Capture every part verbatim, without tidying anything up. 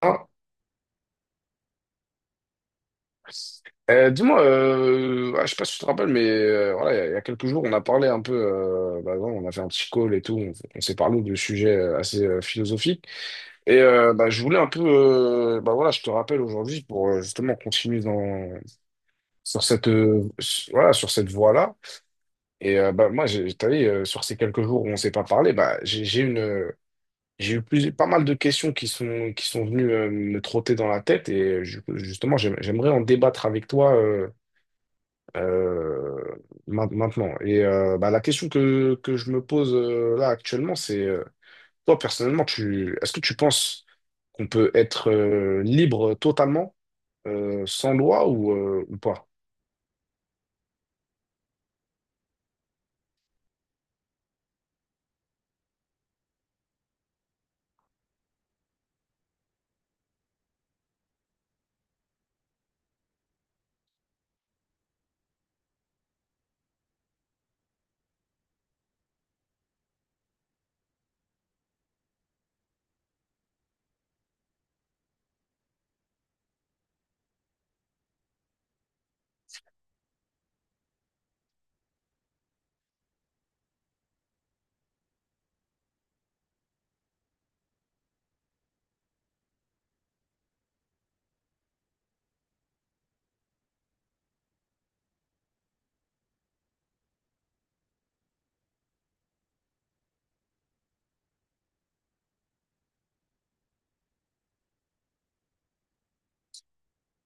Ah. Euh, dis-moi, euh, ah, je sais pas si tu te rappelles, mais euh, voilà, il y, a il y a quelques jours, on a parlé un peu, euh, bah, voilà, on a fait un petit call et tout, on, on s'est parlé de sujets euh, assez euh, philosophiques. Et euh, bah, je voulais un peu, euh, bah, voilà, je te rappelle aujourd'hui pour euh, justement continuer dans, sur cette, euh, s- voilà, sur cette voie-là. Et euh, bah, moi, j'ai- t'as vu, euh, sur ces quelques jours où on s'est pas parlé, bah, j'ai j'ai une, j'ai eu plus, pas mal de questions qui sont, qui sont venues euh, me trotter dans la tête et euh, ju- justement, j'aim- j'aimerais en débattre avec toi, euh, euh, main- maintenant. Et euh, bah, la question que, que je me pose euh, là actuellement, c'est euh, toi personnellement, tu, est-ce que tu penses qu'on peut être euh, libre totalement euh, sans loi ou, euh, ou pas?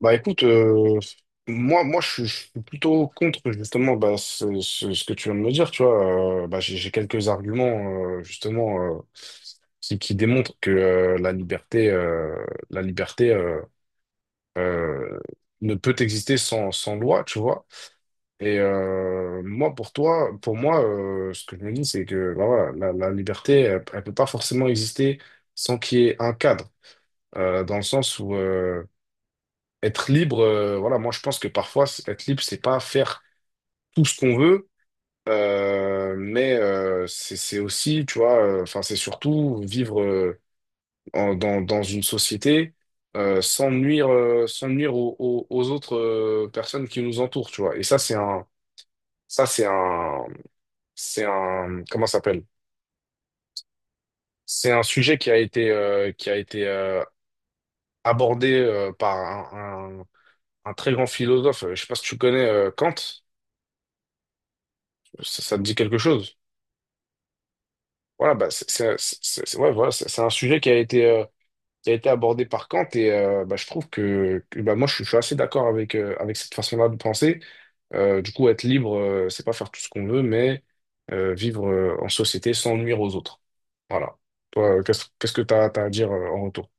Bah écoute, euh, moi, moi je, suis je suis plutôt contre justement bah, ce, ce- ce que tu viens de me dire, tu vois. Euh, bah, j'ai j'ai quelques arguments euh, justement, euh, qui, qui démontrent que euh, la liberté, euh, la liberté, euh, euh, ne peut exister sans, sans loi, tu vois. Et euh, moi, pour toi, pour moi, euh, ce que je me dis, c'est que bah, voilà, la, la liberté, elle, elle peut pas forcément exister sans qu'il y ait un cadre, euh, dans le sens où euh, être libre, euh, voilà, moi je pense que parfois c- être libre, c'est pas faire tout ce qu'on veut, euh, mais euh, c'est c'est aussi, tu vois, euh, enfin c'est surtout vivre euh, en- dans, dans une société euh, sans nuire, euh, sans nuire aux, aux- aux autres euh, personnes qui nous entourent, tu vois. Et ça c'est un, ça c'est un, c'est un, comment ça s'appelle? C'est un sujet qui a été, euh, qui a été euh, abordé euh, par un, un- un très grand philosophe. euh, Je sais pas si tu connais, euh, Kant. Ça, ça te dit quelque chose? Voilà, bah, c'est c'est un c'est- c'est- ouais, voilà, c'est- c'est un sujet qui a été, euh, qui a été abordé par Kant et euh, bah, je trouve que, que, bah, moi je suis, je suis assez d'accord avec, euh, avec cette façon-là de penser. Euh, du coup, être libre, euh, c'est pas faire tout ce qu'on veut, mais euh, vivre euh, en société sans nuire aux autres. Voilà. Toi, euh, qu'est-ce qu'est-ce que tu as à dire euh, en retour?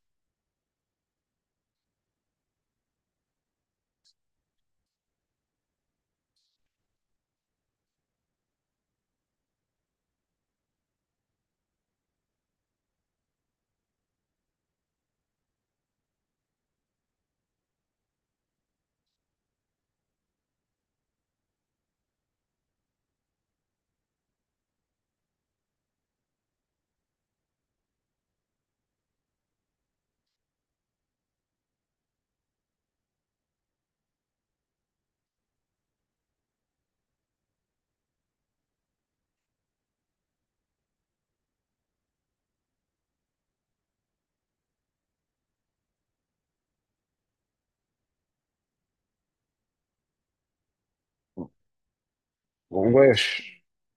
Bon, ouais, je,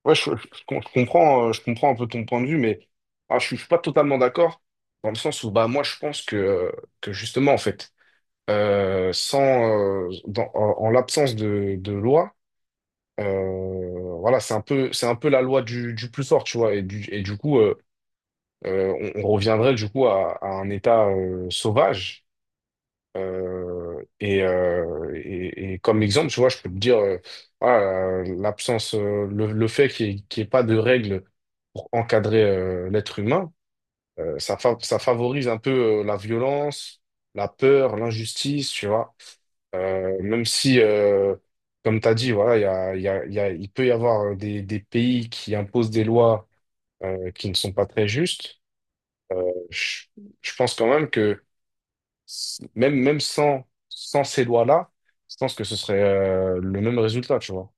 ouais, je, je- je com- je comprends, euh, je comprends un peu ton point de vue, mais ah, je suis je suis pas totalement d'accord dans le sens où bah, moi je pense que, euh, que justement, en fait, euh, sans, euh, dans- en, en l'absence de, de loi, euh, voilà, c'est un peu, c'est un peu la loi du, du plus fort, tu vois. Et du, et du coup, euh, euh, on, on reviendrait du coup à, à un état euh, sauvage. Euh, et, euh, et, et comme exemple, tu vois, je peux te dire, euh, voilà, euh, l'absence, euh, le, le fait qu'il n'y ait, qu'il y ait pas de règles pour encadrer euh, l'être humain, euh, ça, fa- ça favorise un peu euh, la violence, la peur, l'injustice, tu vois. Euh, même si, euh, comme tu as dit, voilà, il y a, il y a, il y a- il peut y avoir euh, des, des pays qui imposent des lois euh, qui ne sont pas très justes, euh, je, je pense quand même que s- même, même sans, sans ces lois-là, je pense que ce serait euh, le même résultat, tu vois.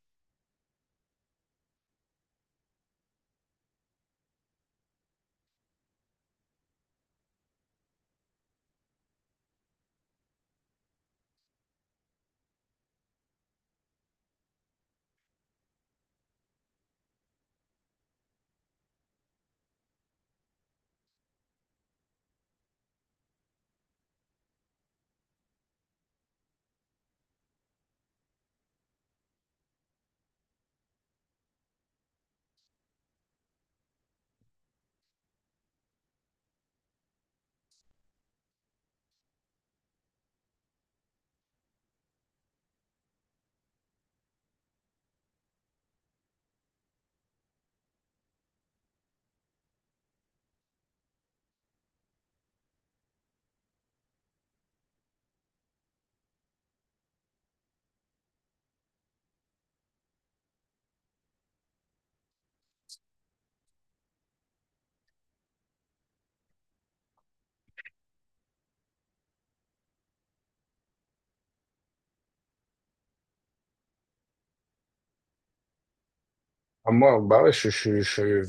Ah, moi, bah ouais, je, je, je,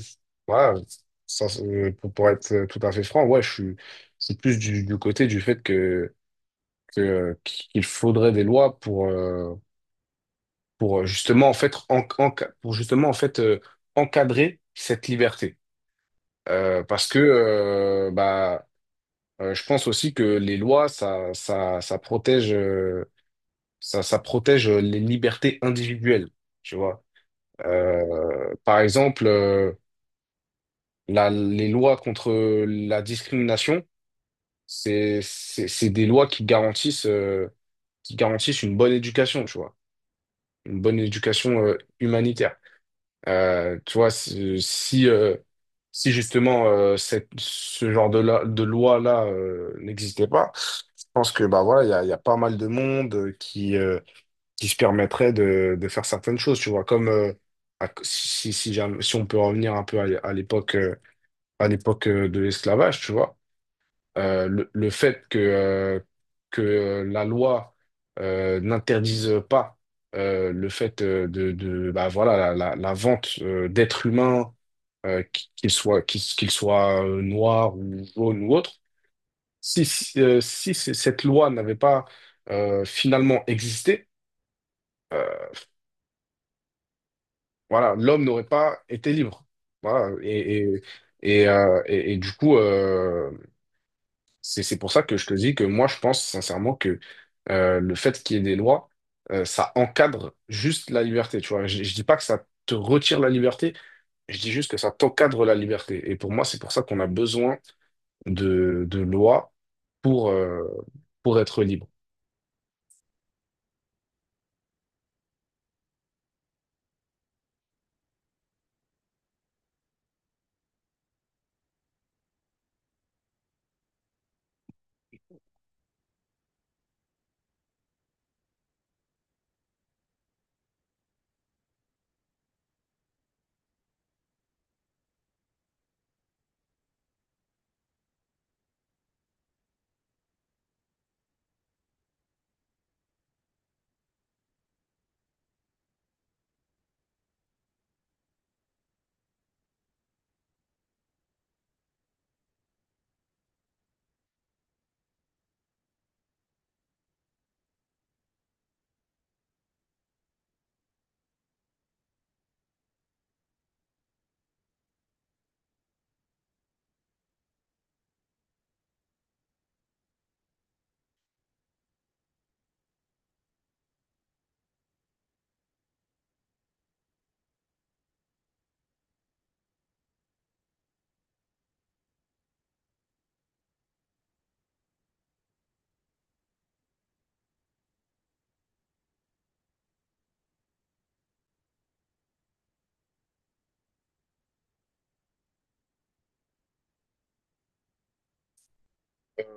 voilà, ça, euh, pour, pour être tout à fait franc, ouais, je suis, c'est plus du, du côté du fait que, que, euh, qu'il faudrait des lois pour, euh, pour euh, justement en fait en- en- pour justement en fait euh, encadrer cette liberté. Euh, parce que euh, bah, euh, je pense aussi que les lois ça ça ça protège, euh, ça ça protège les libertés individuelles, tu vois. Euh, par exemple, euh, la- les lois contre la discrimination, c'est c'est c'est des lois qui garantissent, euh, qui garantissent une bonne éducation, tu vois, une bonne éducation euh, humanitaire. Euh, tu vois, si, si, euh, si justement, euh, cette, ce genre de, la- de loi-là euh, n'existait pas, je pense que bah voilà, il y a, il y a pas mal de monde euh, qui, euh, qui se permettrait de, de faire certaines choses, tu vois, comme, euh, à- si, si, si j'ai un- si on peut revenir un peu à, à l'époque, euh, à l'époque euh, de l'esclavage, tu vois, euh, le, le fait que, euh, que euh, la loi euh, n'interdise pas euh, le fait euh, de, de bah, voilà, la, la- la vente euh, d'êtres humains, euh, qu- qu'ils soient, qu'ils qu'ils soient euh, noirs ou jaunes ou autres, si, si, euh, si c- cette loi n'avait pas euh, finalement existé, voilà, l'homme n'aurait pas été libre. Voilà, et, et, et, euh, et- et du coup, euh, C'est c'est pour ça que je te dis que moi, je pense sincèrement que euh, le fait qu'il y ait des lois, euh, ça encadre juste la liberté, tu vois. Je, je dis pas que ça te retire la liberté, je dis juste que ça t'encadre la liberté. Et pour moi, c'est pour ça qu'on a besoin de, de lois pour, euh, pour être libre.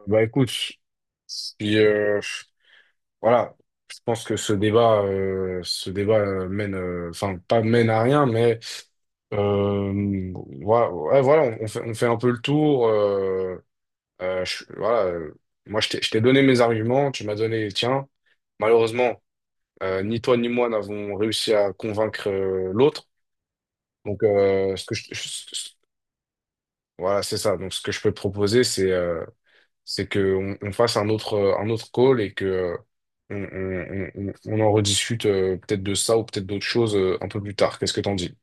Bah écoute, puis, euh, voilà, je pense que ce débat, euh, ce débat euh, mène, euh, enfin pas mène à rien, mais euh, voilà, ouais, voilà, on, on fait, on fait un peu le tour. euh, Euh, je- voilà, euh, moi, je t'ai je t'ai donné mes arguments, tu m'as donné les tiens. Malheureusement, euh, ni toi ni moi n'avons réussi à convaincre euh, l'autre. Donc, euh, ce que je, je- voilà, c'est ça. Donc, ce que je peux te proposer, c'est euh, c'est que on, on fasse un autre euh, un autre call et que euh, on, on, on, on en rediscute, euh, peut-être de ça ou peut-être d'autres choses euh, un peu plus tard. Qu'est-ce que t'en dis?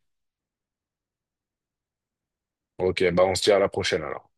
Ok, bah on se dit à la prochaine alors.